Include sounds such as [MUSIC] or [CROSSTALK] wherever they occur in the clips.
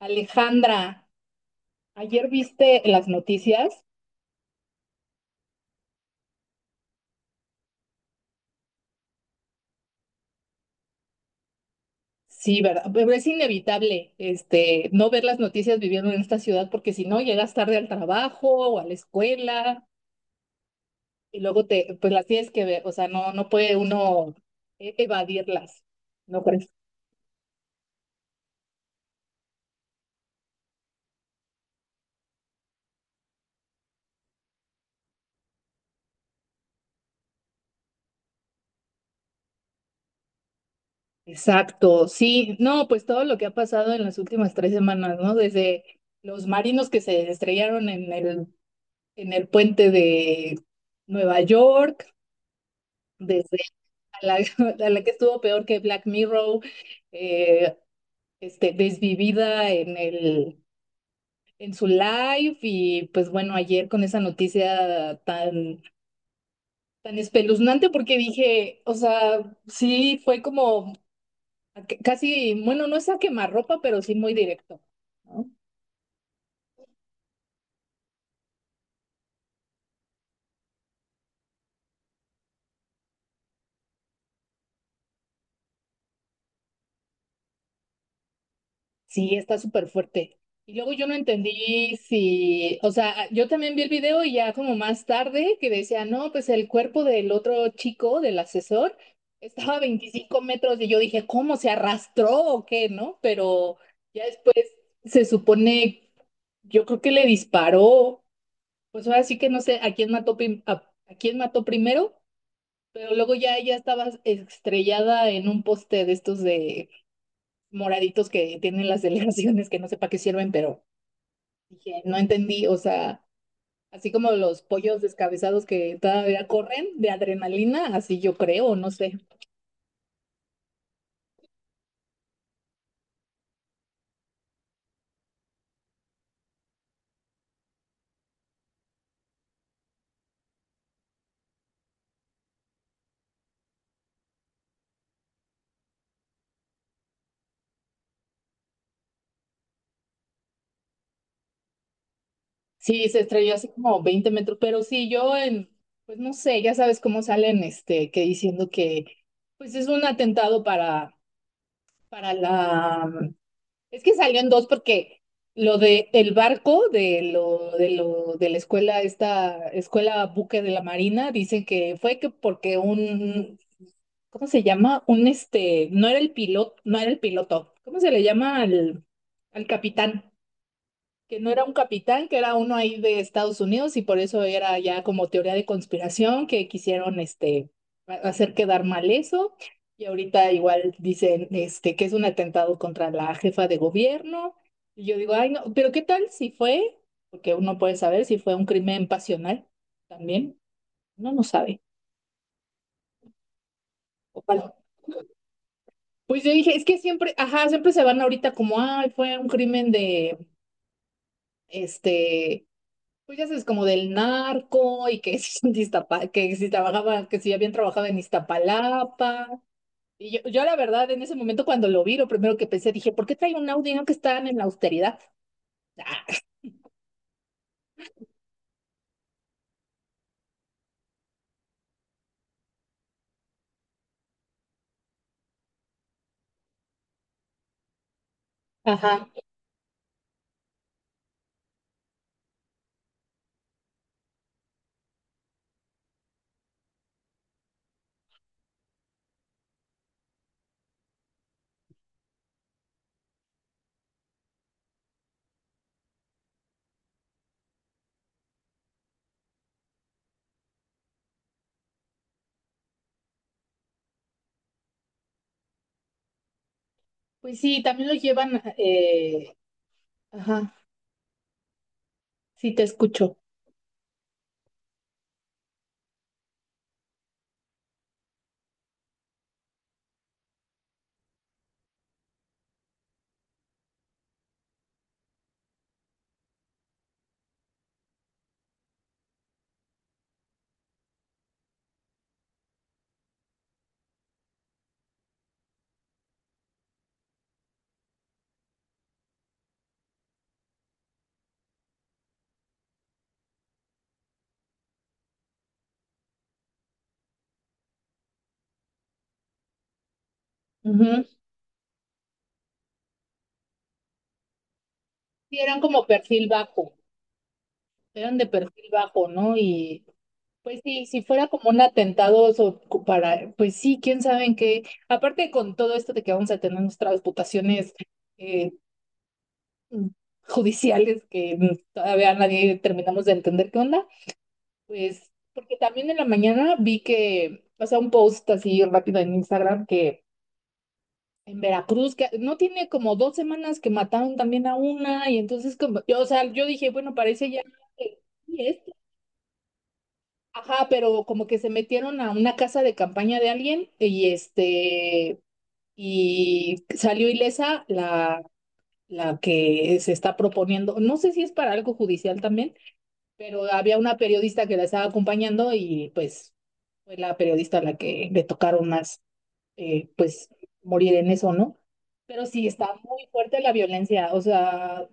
Alejandra, ayer viste las noticias. Sí, ¿verdad? Pero es inevitable, no ver las noticias viviendo en esta ciudad porque si no llegas tarde al trabajo o a la escuela y luego te, pues las tienes que ver, o sea, no, no puede uno evadirlas, ¿no crees? Exacto, sí, no, pues todo lo que ha pasado en las últimas 3 semanas, ¿no? Desde los marinos que se estrellaron en el puente de Nueva York, desde a la, [LAUGHS] a la que estuvo peor que Black Mirror, eh, desvivida en el, en su live. Y pues bueno, ayer con esa noticia tan, tan espeluznante porque dije, o sea, sí fue como casi, bueno, no es a quemarropa, pero sí muy directo, ¿no? Sí, está súper fuerte. Y luego yo no entendí si, o sea, yo también vi el video y ya como más tarde que decía, no, pues el cuerpo del otro chico, del asesor, estaba a 25 metros y yo dije, ¿cómo se arrastró o qué, no? Pero ya después se supone, yo creo que le disparó, pues ahora sí que no sé a quién mató, a quién mató primero, pero luego ya ella estaba estrellada en un poste de estos de moraditos que tienen las [LAUGHS] delegaciones que no sé para qué sirven, pero dije, no entendí, o sea, así como los pollos descabezados que todavía corren de adrenalina, así yo creo, no sé. Sí, se estrelló así como 20 metros, pero sí, pues no sé, ya sabes cómo salen, que diciendo que, pues es un atentado para la. Es que salió en dos porque lo de el barco de la escuela, esta escuela buque de la Marina, dicen que fue que porque un, ¿cómo se llama? Un, no era el piloto, no era el piloto. ¿Cómo se le llama al capitán? Que no era un capitán, que era uno ahí de Estados Unidos y por eso era ya como teoría de conspiración que quisieron hacer quedar mal eso. Y ahorita igual dicen que es un atentado contra la jefa de gobierno. Y yo digo, ay no, pero ¿qué tal si fue? Porque uno puede saber si fue un crimen pasional también. Uno no sabe. Ojalá. Pues yo dije, es que siempre, ajá, siempre se van ahorita como, ay, fue un crimen de este. Pues ya sabes, como del narco y que [LAUGHS] si, son de que si trabajaba, que si habían trabajado en Iztapalapa. Y yo la verdad, en ese momento cuando lo vi, lo primero que pensé, dije, ¿por qué trae un Audi no que están en la austeridad? Ah, ajá. Pues sí, también los llevan, ajá, sí te escucho. Ujú. Sí, eran como perfil bajo, eran de perfil bajo, ¿no? Y pues sí, si fuera como un atentado para, pues sí, quién sabe en qué. Aparte con todo esto de que vamos a tener nuestras reputaciones mm, judiciales que todavía nadie terminamos de entender qué onda, pues porque también en la mañana vi que, o sea, un post así rápido en Instagram que en Veracruz, que no tiene como 2 semanas que mataron también a una, y entonces como, yo, o sea, yo dije, bueno, parece ya que sí es, ajá, pero como que se metieron a una casa de campaña de alguien y salió ilesa la... la que se está proponiendo, no sé si es para algo judicial también, pero había una periodista que la estaba acompañando y pues fue la periodista a la que le tocaron más, pues morir en eso, ¿no? Pero sí, está muy fuerte la violencia, o sea,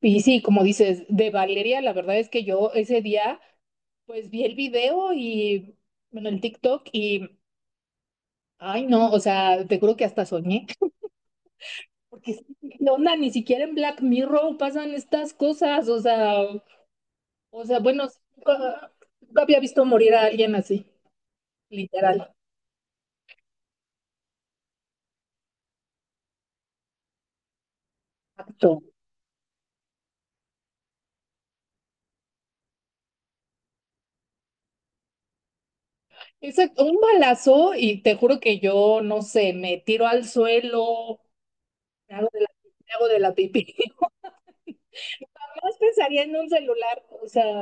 y sí, como dices, de Valeria, la verdad es que yo ese día, pues vi el video y, bueno, el TikTok y, ay no, o sea, te juro que hasta soñé, porque sí, ¿qué onda? Ni siquiera en Black Mirror pasan estas cosas, o sea, bueno, sí, nunca nunca había visto morir a alguien así. Literal. Exacto. Exacto, un balazo y te juro que yo, no sé, me tiro al suelo, me hago de la, me hago de la pipí. [LAUGHS] Jamás pensaría en un celular, o sea,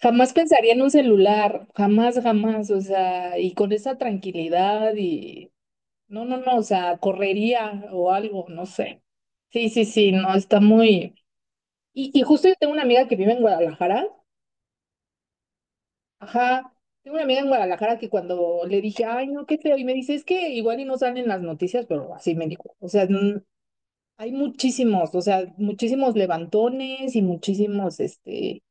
jamás pensaría en un celular, jamás, jamás, o sea, y con esa tranquilidad y, no, no, no, o sea, correría o algo, no sé. Sí, sí, sí, no, está muy... Y justo yo tengo una amiga que vive en Guadalajara. Ajá, tengo una amiga en Guadalajara que cuando le dije, ay, no, qué feo, y me dice, es que igual y no salen las noticias, pero así me dijo, o sea, hay muchísimos, o sea, muchísimos levantones y muchísimos,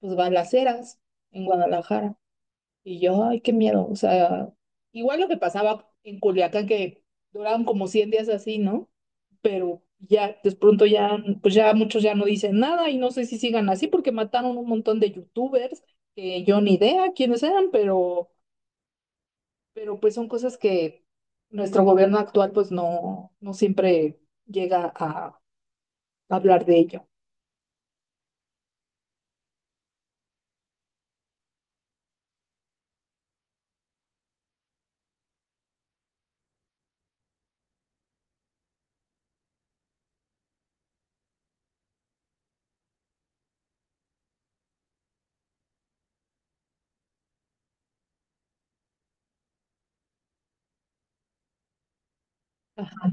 pues, balaceras en Guadalajara. Y yo, ay, qué miedo. O sea, igual lo que pasaba en Culiacán, que duraban como 100 días así, ¿no? Pero ya, de pronto ya, pues ya muchos ya no dicen nada y no sé si sigan así porque mataron un montón de youtubers que yo ni idea quiénes eran, pero pues son cosas que nuestro gobierno actual pues no, no siempre llega a hablar de ello. Ajá,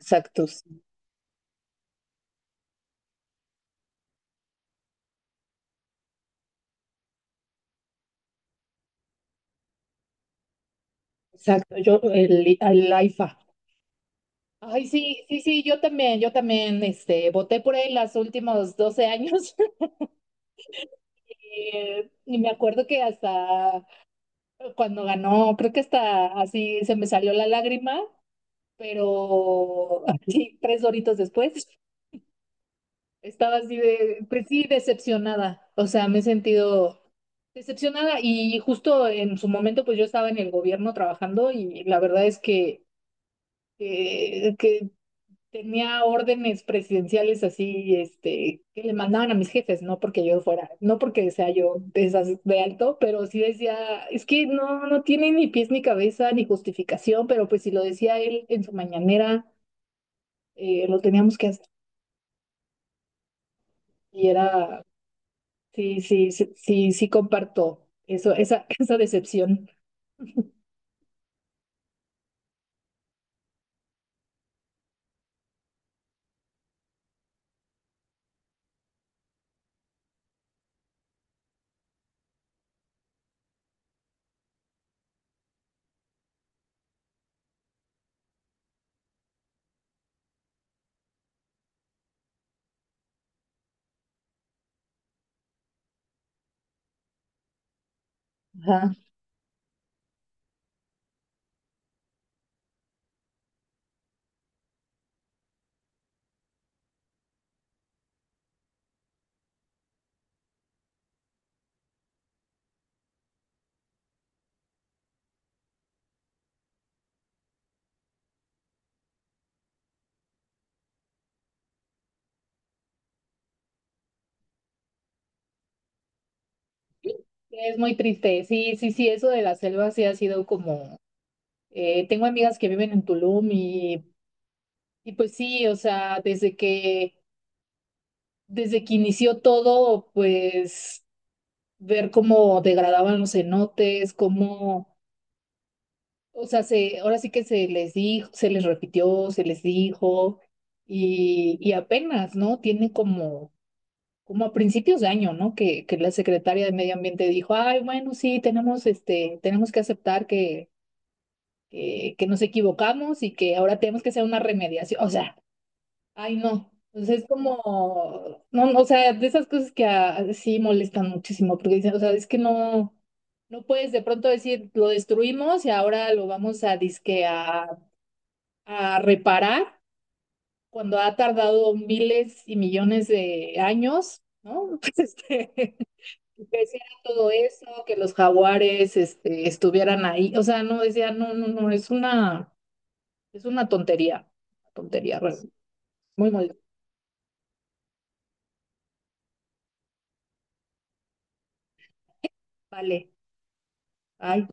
exacto, sí, exacto. Yo, el AIFA. Ay, sí, sí, sí, yo también, voté por él los últimos 12 años. [LAUGHS] Y me acuerdo que hasta cuando ganó, creo que hasta así se me salió la lágrima, pero [LAUGHS] sí, tres horitos después estaba así de, pues sí, decepcionada. O sea, me he sentido decepcionada y justo en su momento, pues yo estaba en el gobierno trabajando y la verdad es que eh, que, tenía órdenes presidenciales así, que le mandaban a mis jefes, no porque yo fuera, no porque sea yo de esas de alto, pero sí decía, es que no, no tiene ni pies ni cabeza ni justificación, pero pues si lo decía él en su mañanera, lo teníamos que hacer. Y era, sí, sí, sí, sí, sí comparto eso, esa, [LAUGHS] esa decepción. Ajá. Es muy triste, sí, sí, sí, eso de la selva sí ha sido como, tengo amigas que viven en Tulum. Y pues sí, o sea, desde que inició todo, pues ver cómo degradaban los cenotes, cómo, o sea, ahora sí que se les dijo, se les repitió, se les dijo, y apenas, ¿no? Tiene como a principios de año, ¿no? Que la secretaria de Medio Ambiente dijo, ay, bueno, sí, tenemos que aceptar que nos equivocamos y que ahora tenemos que hacer una remediación. O sea, ay, no. Pues es como, no, no, o sea, de esas cosas que ah, sí molestan muchísimo, porque dicen, o sea, es que no, no puedes de pronto decir, lo destruimos y ahora lo vamos a disque a reparar cuando ha tardado miles y millones de años, ¿no? [LAUGHS] Pues que hiciera todo eso, que los jaguares, estuvieran ahí. O sea, no decía, no, no, no, es una tontería, tontería, muy molesta. Vale. Ay,